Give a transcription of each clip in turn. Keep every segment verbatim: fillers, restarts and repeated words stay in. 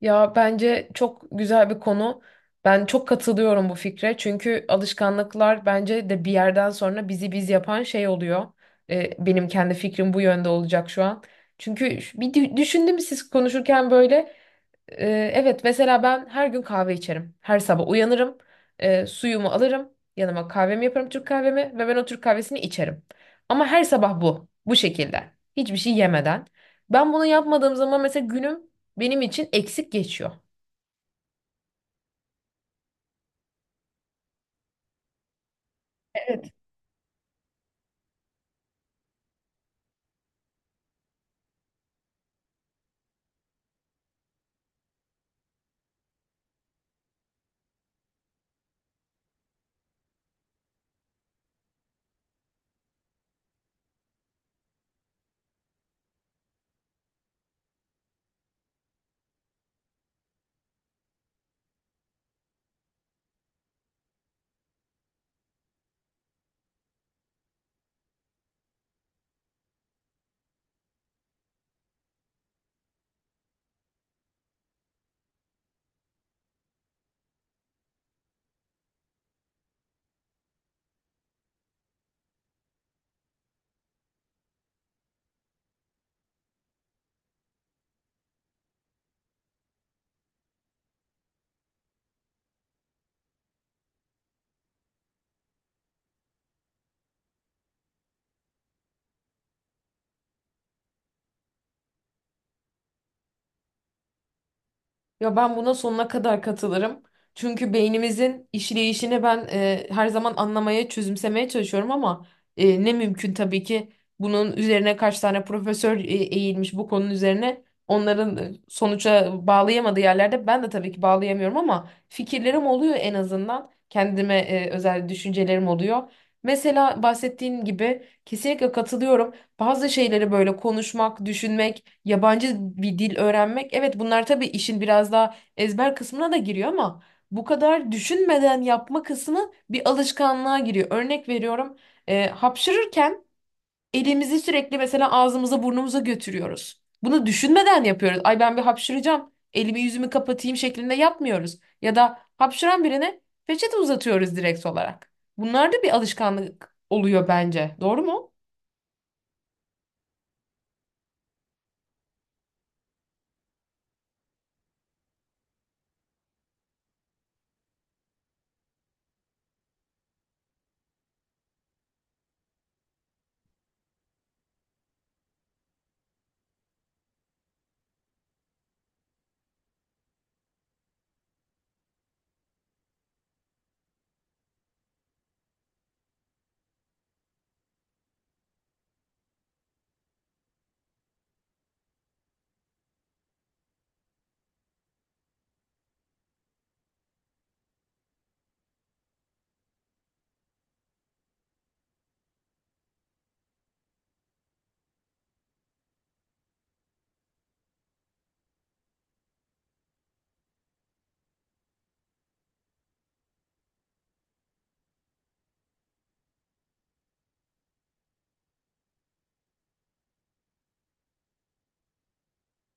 Ya bence çok güzel bir konu. Ben çok katılıyorum bu fikre. Çünkü alışkanlıklar bence de bir yerden sonra bizi biz yapan şey oluyor. Ee, benim kendi fikrim bu yönde olacak şu an. Çünkü şu- bir dü- düşündüm siz konuşurken böyle ee, evet mesela ben her gün kahve içerim. Her sabah uyanırım. E, suyumu alırım. Yanıma kahvemi yaparım Türk kahvemi ve ben o Türk kahvesini içerim. Ama her sabah bu. Bu şekilde. Hiçbir şey yemeden. Ben bunu yapmadığım zaman mesela günüm benim için eksik geçiyor. Ya ben buna sonuna kadar katılırım. Çünkü beynimizin işleyişini ben e, her zaman anlamaya, çözümsemeye çalışıyorum ama e, ne mümkün tabii ki bunun üzerine kaç tane profesör e, eğilmiş bu konunun üzerine. Onların e, sonuca bağlayamadığı yerlerde ben de tabii ki bağlayamıyorum ama fikirlerim oluyor en azından. Kendime e, özel düşüncelerim oluyor. Mesela bahsettiğin gibi kesinlikle katılıyorum. Bazı şeyleri böyle konuşmak, düşünmek, yabancı bir dil öğrenmek. Evet, bunlar tabii işin biraz daha ezber kısmına da giriyor ama bu kadar düşünmeden yapma kısmı bir alışkanlığa giriyor. Örnek veriyorum, e, hapşırırken elimizi sürekli mesela ağzımıza burnumuza götürüyoruz. Bunu düşünmeden yapıyoruz. Ay ben bir hapşıracağım, elimi yüzümü kapatayım şeklinde yapmıyoruz. Ya da hapşıran birine peçete uzatıyoruz direkt olarak. Bunlar da bir alışkanlık oluyor bence. Doğru mu?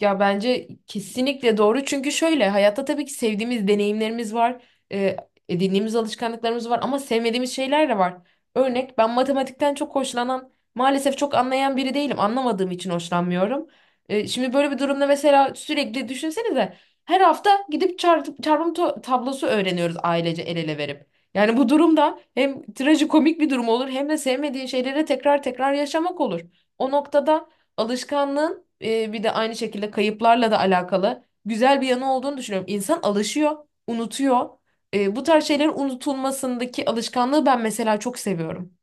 Ya bence kesinlikle doğru. Çünkü şöyle hayatta tabii ki sevdiğimiz deneyimlerimiz var. E, Edindiğimiz alışkanlıklarımız var ama sevmediğimiz şeyler de var. Örnek, ben matematikten çok hoşlanan, maalesef çok anlayan biri değilim. Anlamadığım için hoşlanmıyorum. E, şimdi böyle bir durumda mesela sürekli düşünsenize, her hafta gidip çarp- çarpım to- tablosu öğreniyoruz ailece el ele verip. Yani bu durumda hem trajikomik bir durum olur hem de sevmediğin şeyleri tekrar tekrar yaşamak olur. O noktada alışkanlığın e, bir de aynı şekilde kayıplarla da alakalı güzel bir yanı olduğunu düşünüyorum. İnsan alışıyor, unutuyor. E, bu tarz şeylerin unutulmasındaki alışkanlığı ben mesela çok seviyorum.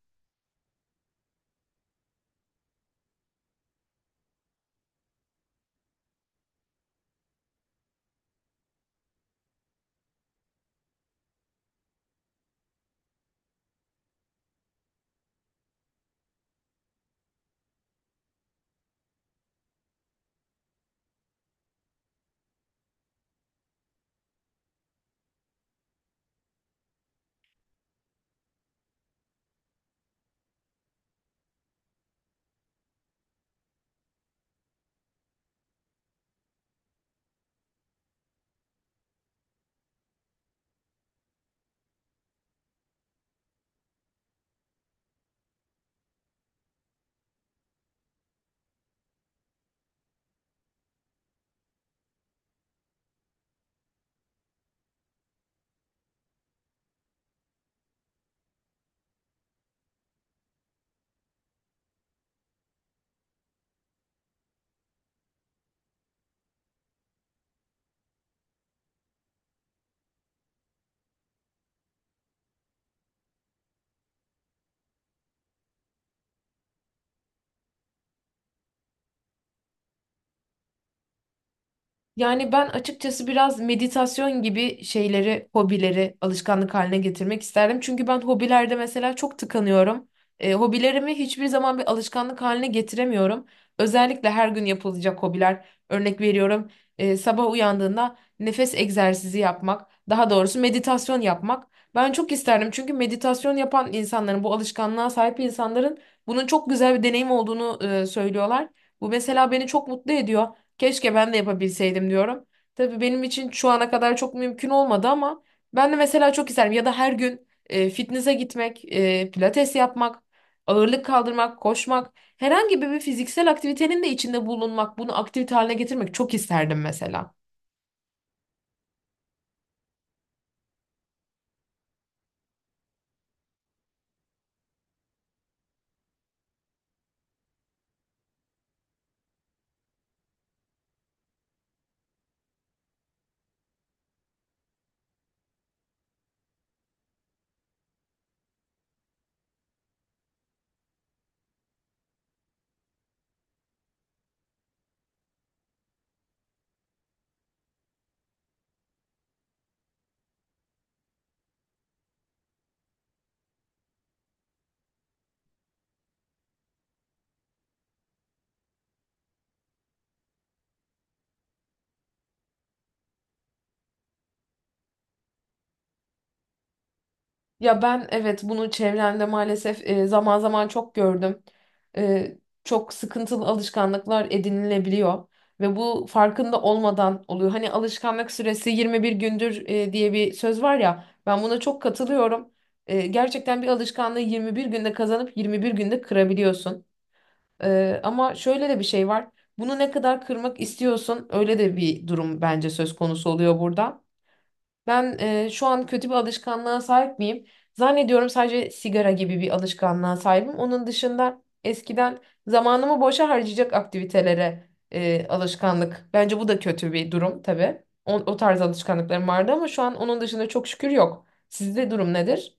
Yani ben açıkçası biraz meditasyon gibi şeyleri, hobileri alışkanlık haline getirmek isterdim. Çünkü ben hobilerde mesela çok tıkanıyorum. E, hobilerimi hiçbir zaman bir alışkanlık haline getiremiyorum. Özellikle her gün yapılacak hobiler. Örnek veriyorum, e, sabah uyandığında nefes egzersizi yapmak, daha doğrusu meditasyon yapmak. Ben çok isterdim çünkü meditasyon yapan insanların, bu alışkanlığa sahip insanların bunun çok güzel bir deneyim olduğunu e, söylüyorlar. Bu mesela beni çok mutlu ediyor. Keşke ben de yapabilseydim diyorum. Tabii benim için şu ana kadar çok mümkün olmadı ama ben de mesela çok isterim. Ya da her gün e, fitness'e gitmek, e, pilates yapmak, ağırlık kaldırmak, koşmak, herhangi bir fiziksel aktivitenin de içinde bulunmak, bunu aktivite haline getirmek çok isterdim mesela. Ya ben, evet, bunu çevremde maalesef e, zaman zaman çok gördüm. E, Çok sıkıntılı alışkanlıklar edinilebiliyor ve bu farkında olmadan oluyor. Hani alışkanlık süresi yirmi bir gündür e, diye bir söz var ya. Ben buna çok katılıyorum. E, gerçekten bir alışkanlığı yirmi bir günde kazanıp yirmi bir günde kırabiliyorsun. Ee, ama şöyle de bir şey var. Bunu ne kadar kırmak istiyorsun, öyle de bir durum bence söz konusu oluyor burada. Ben e, şu an kötü bir alışkanlığa sahip miyim? Zannediyorum sadece sigara gibi bir alışkanlığa sahibim. Onun dışında eskiden zamanımı boşa harcayacak aktivitelere e, alışkanlık. Bence bu da kötü bir durum tabii. O, o tarz alışkanlıklarım vardı ama şu an onun dışında çok şükür yok. Sizde durum nedir?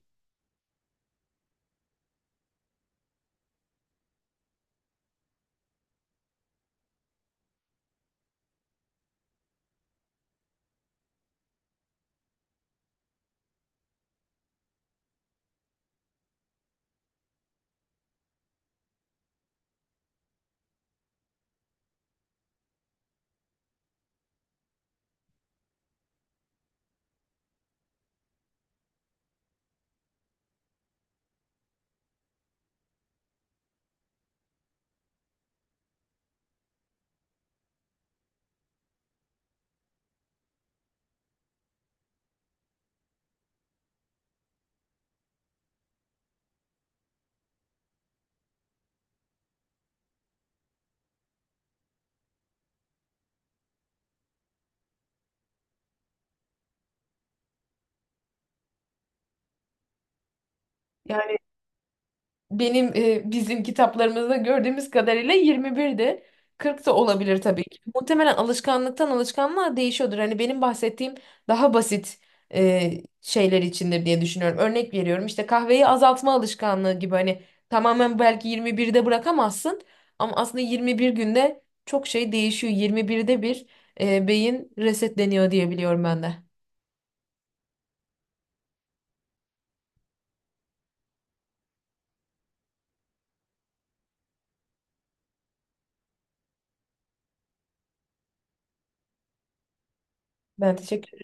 Benim e, bizim kitaplarımızda gördüğümüz kadarıyla yirmi birdi. kırk da olabilir tabii ki. Muhtemelen alışkanlıktan alışkanlığa değişiyordur. Hani benim bahsettiğim daha basit e, şeyler içindir diye düşünüyorum. Örnek veriyorum, işte kahveyi azaltma alışkanlığı gibi, hani tamamen belki yirmi birde bırakamazsın ama aslında yirmi bir günde çok şey değişiyor. yirmi birde bir e, beyin resetleniyor diye biliyorum ben de. Ben teşekkür